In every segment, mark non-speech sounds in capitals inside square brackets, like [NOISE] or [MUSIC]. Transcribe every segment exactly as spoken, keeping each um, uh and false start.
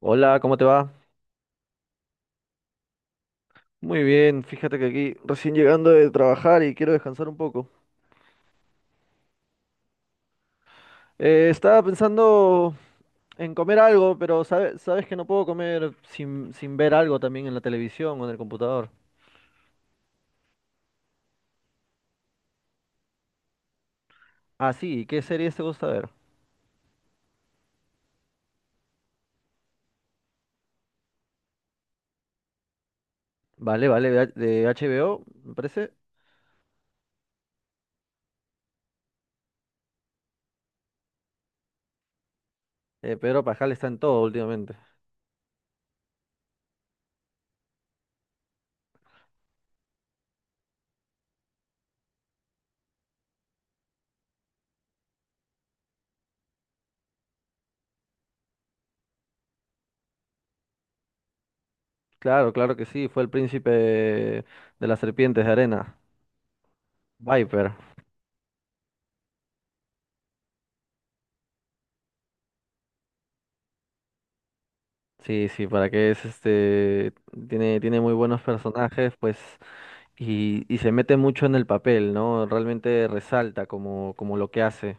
Hola, ¿cómo te va? Muy bien, fíjate que aquí recién llegando de trabajar y quiero descansar un poco. Eh, estaba pensando en comer algo, pero sabe- sabes que no puedo comer sin, sin ver algo también en la televisión o en el computador. Ah, sí, ¿qué series te gusta ver? Vale, vale, de, H- de H B O, me parece. Eh, Pedro Pascal está en todo últimamente. Claro, claro que sí, fue el príncipe de las serpientes de arena. Viper. Sí, sí, para que es este. Tiene, tiene muy buenos personajes, pues y, y se mete mucho en el papel, ¿no? Realmente resalta como, como lo que hace.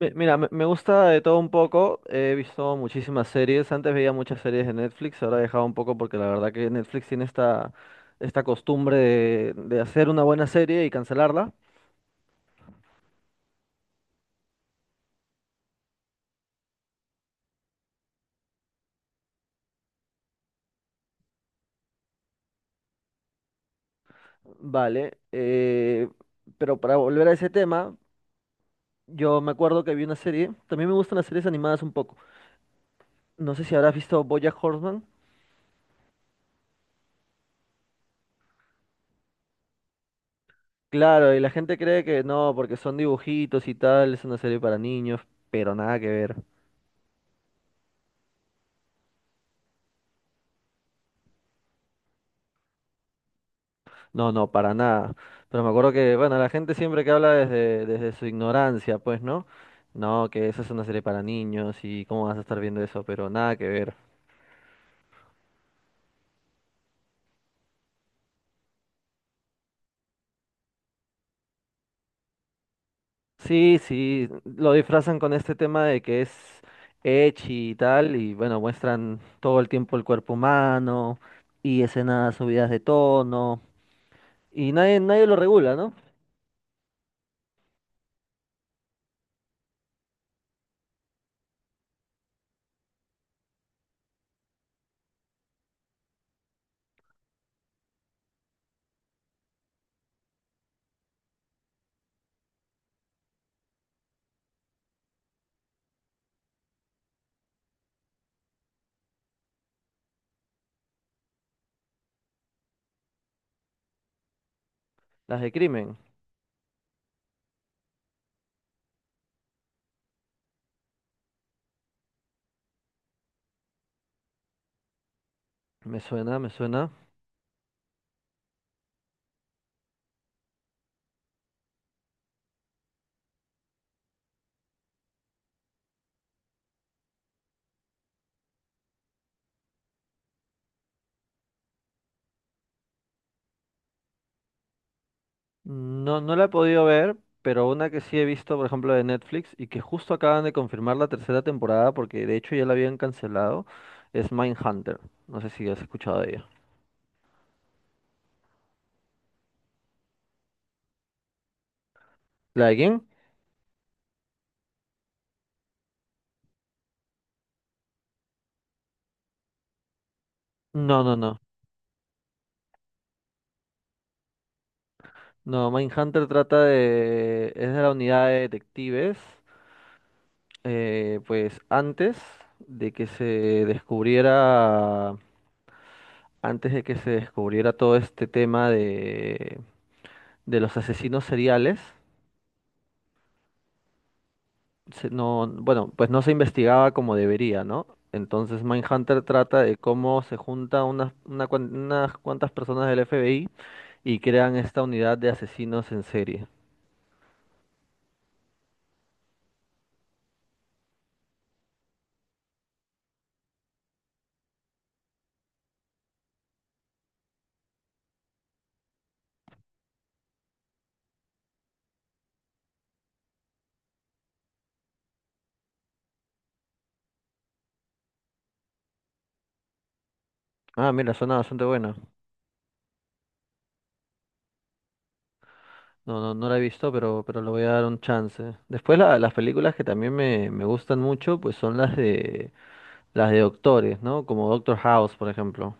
Mi- Mira, me me gusta de todo un poco, he visto muchísimas series, antes veía muchas series de Netflix, ahora he dejado un poco porque la verdad que Netflix tiene esta, esta costumbre de, de hacer una buena serie y cancelarla. Vale, eh, pero para volver a ese tema, yo me acuerdo que vi una serie, también me gustan las series animadas un poco. No sé si habrás visto BoJack Horseman. Claro, y la gente cree que no, porque son dibujitos y tal, es una serie para niños, pero nada que ver. No, no, para nada. Pero me acuerdo que, bueno, la gente siempre que habla desde, desde su ignorancia, pues, ¿no? No, que esa es una serie para niños y cómo vas a estar viendo eso, pero nada que ver. Sí, sí, lo disfrazan con este tema de que es ecchi y tal, y bueno, muestran todo el tiempo el cuerpo humano y escenas subidas de tono, y nadie, nadie lo regula, ¿no? Las de crimen. Me suena, me suena. No, no la he podido ver, pero una que sí he visto, por ejemplo, de Netflix y que justo acaban de confirmar la tercera temporada porque de hecho ya la habían cancelado, es Mindhunter. No sé si has escuchado de ella. ¿La de quién? No, no, no. No, Mindhunter trata de... es de la unidad de detectives. Eh, pues antes de que se descubriera, antes de que se descubriera todo este tema de, de los asesinos seriales, se- no, bueno, pues no se investigaba como debería, ¿no? Entonces Mindhunter trata de cómo se junta unas, una cuan- unas cuantas personas del F B I y crean esta unidad de asesinos en serie. Ah, mira, suena bastante buena. No, no, no la he visto, pero, pero le voy a dar un chance. Después la- las películas que también me, me gustan mucho, pues son las de las de doctores, ¿no? Como Doctor House, por ejemplo.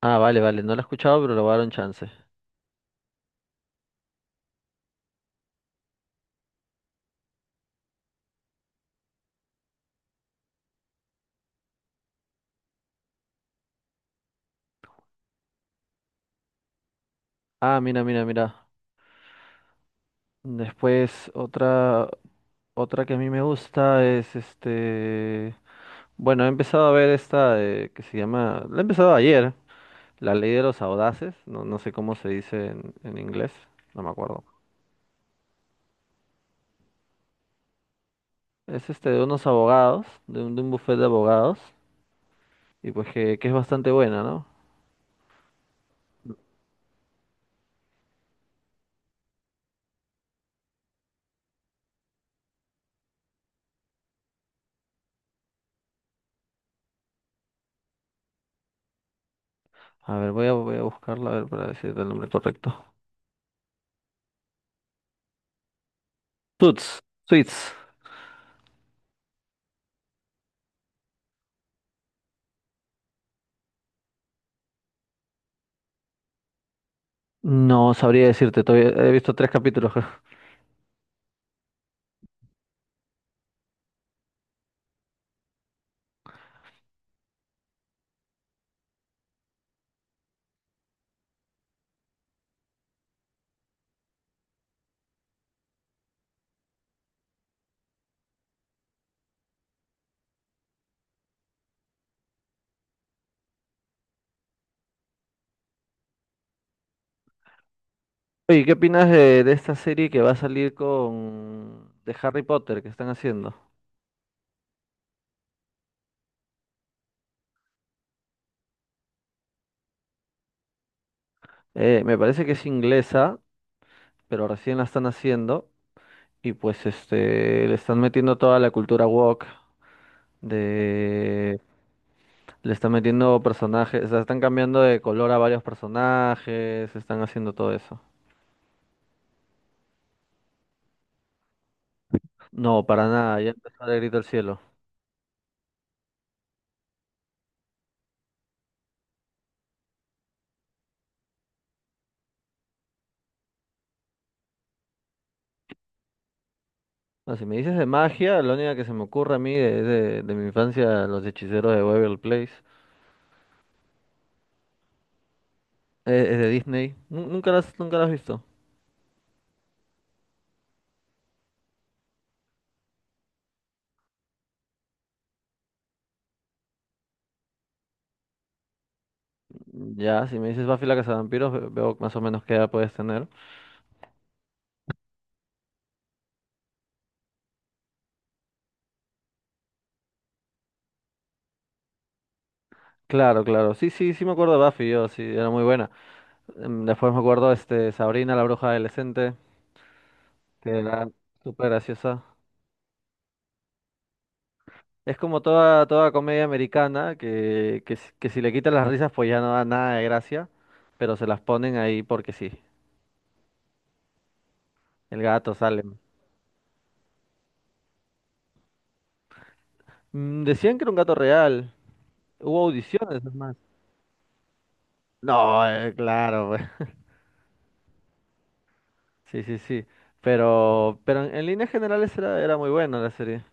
Ah, vale, vale, no la he escuchado, pero le voy a dar un chance. Ah, mira, mira, mira. Después otra. Otra que a mí me gusta es este. Bueno, he empezado a ver esta eh, que se llama. La he empezado ayer. La ley de los audaces. No, no sé cómo se dice en, en inglés. No me acuerdo. Es este de unos abogados. De un, de un bufete de abogados. Y pues que, que es bastante buena, ¿no? A ver, voy a, voy a buscarla a ver para decirte el nombre correcto. Suits. Suits. No sabría decirte. Todavía he visto tres capítulos. [LAUGHS] Oye, ¿qué opinas de, de esta serie que va a salir con. De Harry Potter que están haciendo? Eh, me parece que es inglesa, pero recién la están haciendo y pues este le están metiendo toda la cultura woke de le están metiendo personajes, o sea, están cambiando de color a varios personajes, están haciendo todo eso. No, para nada, ya empezó de grito al cielo. No, si me dices de magia, la única que se me ocurre a mí de, de, de mi infancia, los hechiceros de Waverly Place, eh, es de Disney. Nu- Nunca las, nunca las has visto. Ya, si me dices Buffy la Cazavampiros, ve- veo más o menos qué edad puedes tener. Claro, claro. Sí, sí, sí me acuerdo de Buffy, yo, sí, era muy buena. Em, Después me acuerdo este Sabrina, la bruja adolescente, que era súper graciosa. Es como toda, toda comedia americana, que, que, si que si le quitan las risas pues ya no da nada de gracia, pero se las ponen ahí porque sí. El gato sale. Mm, decían que era un gato real. Hubo audiciones, es más. No, eh, claro, [LAUGHS] pues. Sí, sí, sí. Pero, pero en, en líneas generales era, era muy buena la serie.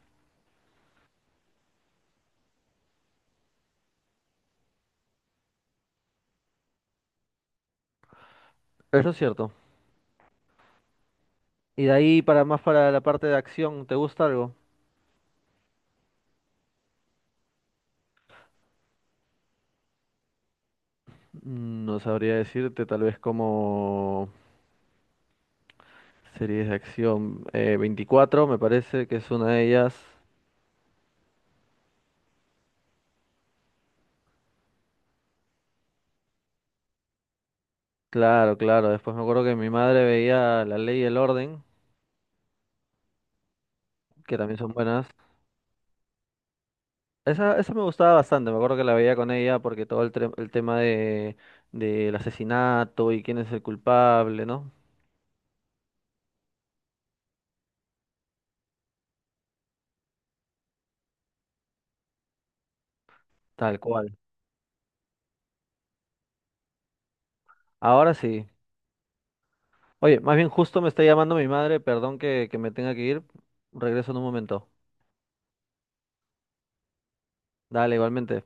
Eso es cierto. Y de ahí para más para la parte de acción, ¿te gusta algo? Mm, no sabría decirte, tal vez como series de acción. Eh, veinticuatro me parece que es una de ellas. Claro, claro. Después me acuerdo que mi madre veía La Ley y el Orden, que también son buenas. Esa, esa me gustaba bastante, me acuerdo que la veía con ella porque todo el, tre- el tema de, del asesinato y quién es el culpable, ¿no? Tal cual. Ahora sí. Oye, más bien justo me está llamando mi madre, perdón que, que me tenga que ir. Regreso en un momento. Dale, igualmente.